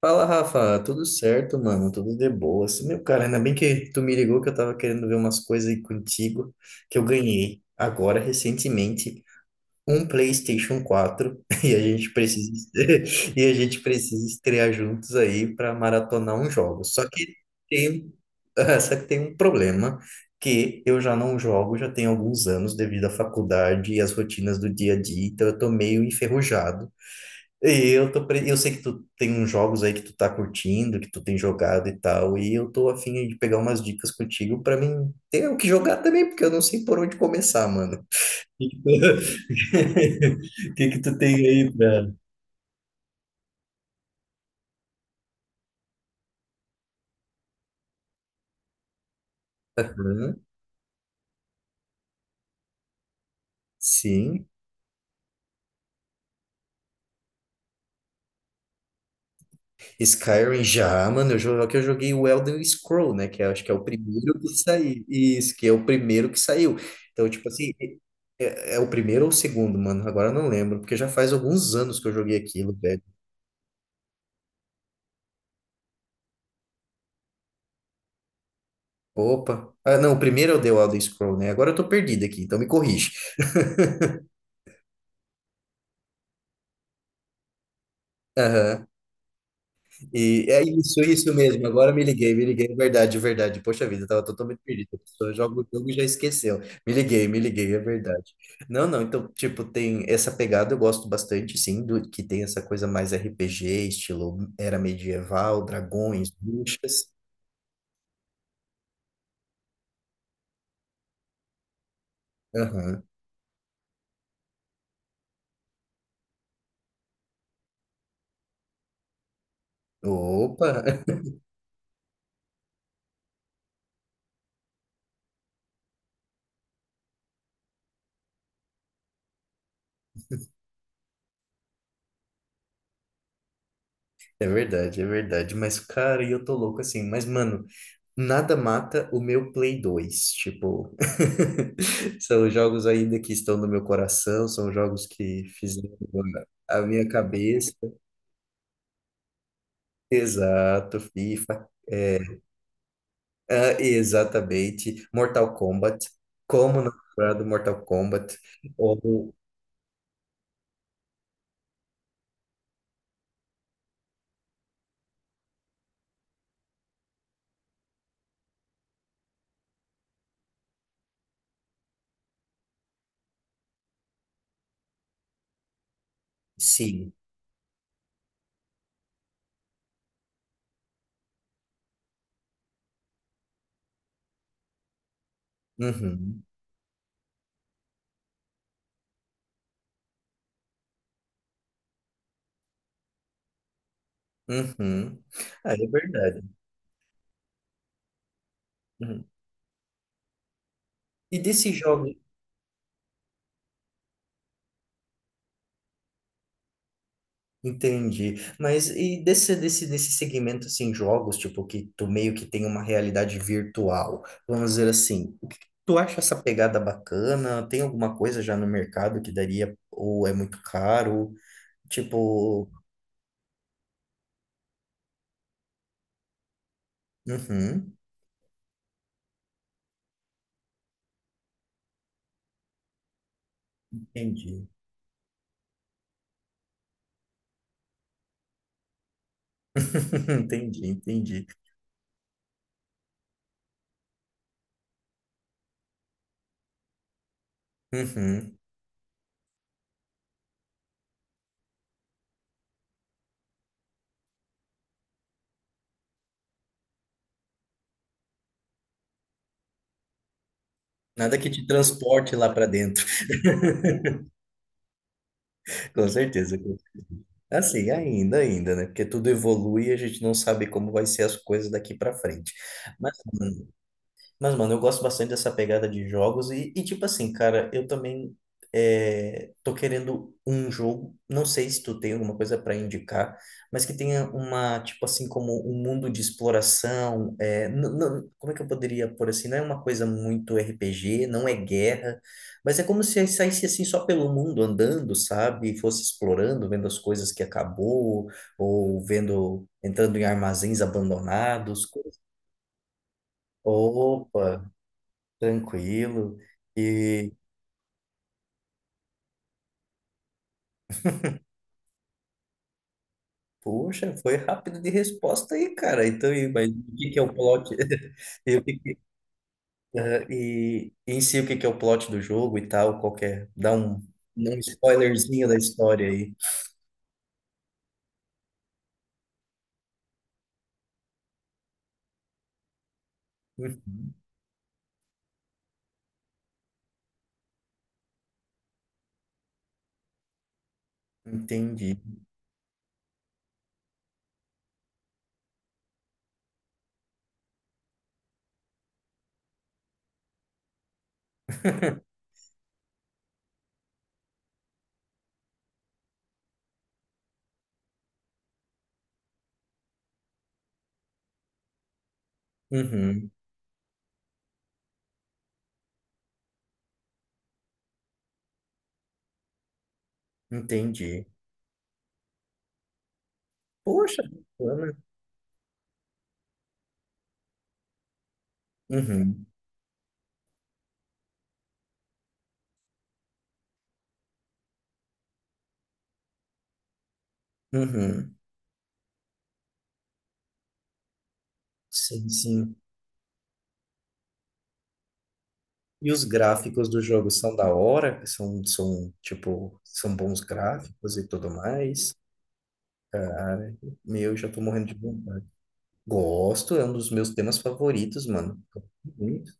Fala, Rafa, tudo certo, mano? Tudo de boa. Assim, meu cara, ainda bem que tu me ligou, que eu tava querendo ver umas coisas aí contigo que eu ganhei agora recentemente um PlayStation 4 e a gente precisa e a gente precisa estrear juntos aí para maratonar um jogo. Só que tem só que tem um problema, que eu já não jogo já tem alguns anos devido à faculdade e às rotinas do dia a dia, então eu tô meio enferrujado. E eu tô, eu sei que tu tem uns jogos aí que tu tá curtindo, que tu tem jogado e tal, e eu tô afim de pegar umas dicas contigo pra mim ter o que jogar também, porque eu não sei por onde começar, mano. O que que tu, o que que tu tem aí pra... Hã? Sim. Skyrim já, mano, eu jogo que eu joguei o Elder Scroll, né, que eu acho que é o primeiro que saiu. Isso, que é o primeiro que saiu. Então, tipo assim, é, é o primeiro ou o segundo, mano? Agora eu não lembro, porque já faz alguns anos que eu joguei aquilo, velho. Opa. Ah, não, o primeiro é o The Elder Scroll, né? Agora eu tô perdido aqui, então me corrige. Aham. E é isso, isso mesmo. Agora me liguei, me liguei. É verdade, é verdade. Poxa vida, eu tava totalmente perdido. A pessoa joga o jogo e já esqueceu. Me liguei, é verdade. Não, não, então, tipo, tem essa pegada, eu gosto bastante, sim, do que tem essa coisa mais RPG, estilo era medieval, dragões, bruxas. Aham. Opa! É verdade, é verdade. Mas, cara, e eu tô louco assim. Mas, mano, nada mata o meu Play 2, tipo, são jogos ainda que estão no meu coração, são jogos que fizeram a minha cabeça. Exato, FIFA, é, ah, exatamente. Mortal Kombat, como não lembrar do Mortal Kombat, ou sim, uhum, uhum. Ah, é verdade. Uhum. E desses jogos. Entendi. Mas e desse segmento, assim, jogos, tipo, que tu meio que tem uma realidade virtual, vamos dizer assim, o que que tu acha essa pegada bacana? Tem alguma coisa já no mercado que daria, ou é muito caro? Tipo, uhum, entendi. Entendi, entendi. Uhum. Nada que te transporte lá para dentro. Com certeza. Assim, ainda, ainda, né? Porque tudo evolui e a gente não sabe como vai ser as coisas daqui para frente. Mas hum, mas, mano, eu gosto bastante dessa pegada de jogos e tipo assim, cara, eu também é, tô querendo um jogo, não sei se tu tem alguma coisa para indicar, mas que tenha uma, tipo assim, como um mundo de exploração, é, como é que eu poderia pôr assim, não é uma coisa muito RPG, não é guerra, mas é como se eu saísse assim só pelo mundo andando, sabe? E fosse explorando, vendo as coisas que acabou, ou vendo, entrando em armazéns abandonados, coisas. Opa! Tranquilo. E, poxa, foi rápido de resposta aí, cara. Então, e, mas o que que é o plot? E, ah, e em si, o que que é o plot do jogo e tal? Qual que é? Dá um, um spoilerzinho da história aí. Hum, Entendi. Uhum, entendi. Poxa, bacana. Uhum, uhum. Sim, sim. E os gráficos do jogo são da hora? São, são, tipo, são bons gráficos e tudo mais? Cara, meu, já tô morrendo de vontade. Gosto, é um dos meus temas favoritos, mano. Muito.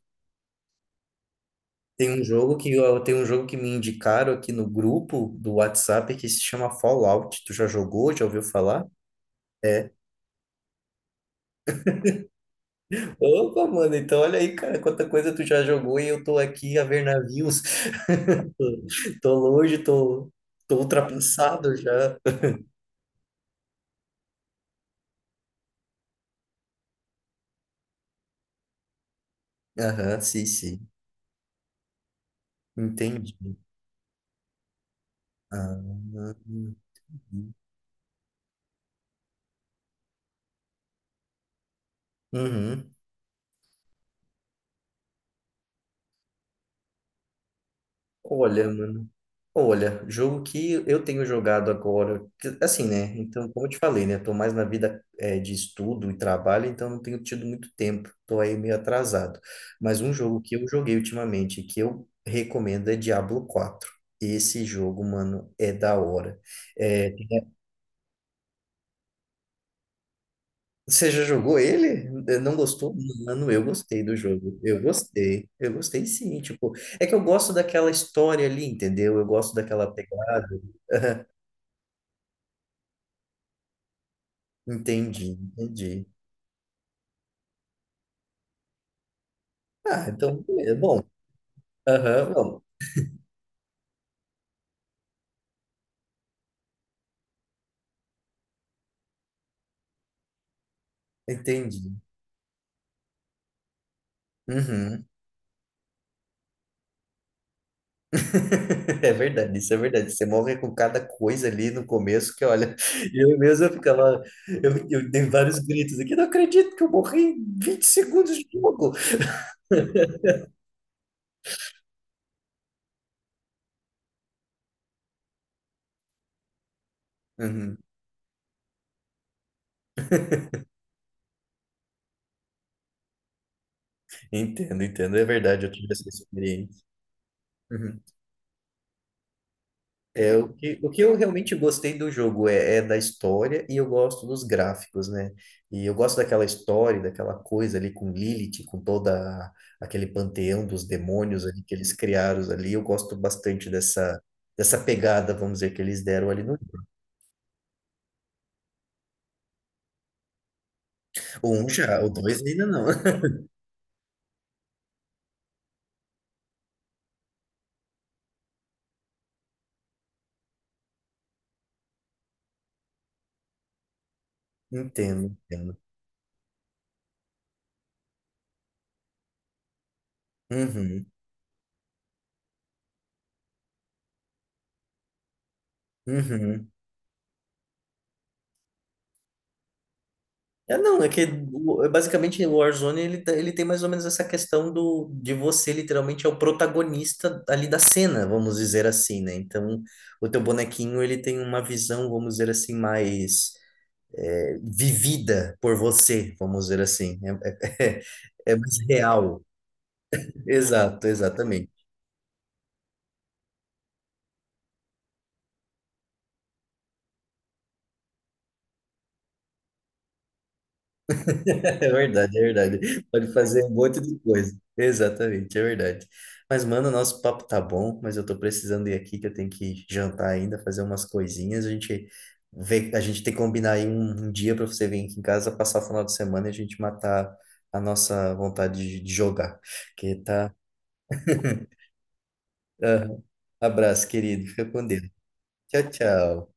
Tem um jogo que eu, tem um jogo que me indicaram aqui no grupo do WhatsApp que se chama Fallout. Tu já jogou? Já ouviu falar? Opa, mano, então olha aí, cara, quanta coisa tu já jogou e eu tô aqui a ver navios. Tô, tô longe, tô, tô ultrapassado já. Aham, sim, sim. Entendi. Ah, uhum. Olha, mano. Olha, jogo que eu tenho jogado agora, assim, né? Então, como eu te falei, né? Eu tô mais na vida de estudo e trabalho, então não tenho tido muito tempo, tô aí meio atrasado. Mas um jogo que eu joguei ultimamente, que eu recomendo, é Diablo 4. Esse jogo, mano, é da hora. É, você já jogou ele? É, não gostou? Mano, eu gostei do jogo. Eu gostei. Eu gostei sim, tipo, é que eu gosto daquela história ali, entendeu? Eu gosto daquela pegada. Entendi, entendi. Ah, então, é bom. Aham, bom. Entendi. Uhum. É verdade, isso é verdade. Você morre com cada coisa ali no começo que, olha, eu mesmo eu ficava. Eu dei vários gritos aqui, não acredito que eu morri em 20 segundos de jogo. Uhum. Entendo, entendo. É verdade, eu tive essa experiência. Uhum. É, o que eu realmente gostei do jogo é, é da história e eu gosto dos gráficos, né? E eu gosto daquela história, daquela coisa ali com Lilith, com toda aquele panteão dos demônios ali que eles criaram ali. Eu gosto bastante dessa, dessa pegada, vamos dizer, que eles deram ali no. O um já, o dois ainda não. Entendo, entendo. Uhum, uhum. É, não, é que é basicamente o Warzone ele, ele tem mais ou menos essa questão do de você literalmente é o protagonista ali da cena, vamos dizer assim, né? Então, o teu bonequinho ele tem uma visão, vamos dizer assim, mais é, vivida por você, vamos dizer assim. É, é, é mais real. Exato, exatamente. É verdade, é verdade. Pode fazer um monte de coisa. Exatamente, é verdade. Mas, mano, nosso papo tá bom, mas eu tô precisando ir aqui, que eu tenho que jantar ainda, fazer umas coisinhas. A gente vê, a gente tem que combinar aí um dia para você vir aqui em casa, passar o final de semana e a gente matar a nossa vontade de jogar. Que tá. Aham. Abraço, querido. Fica com Deus. Tchau, tchau.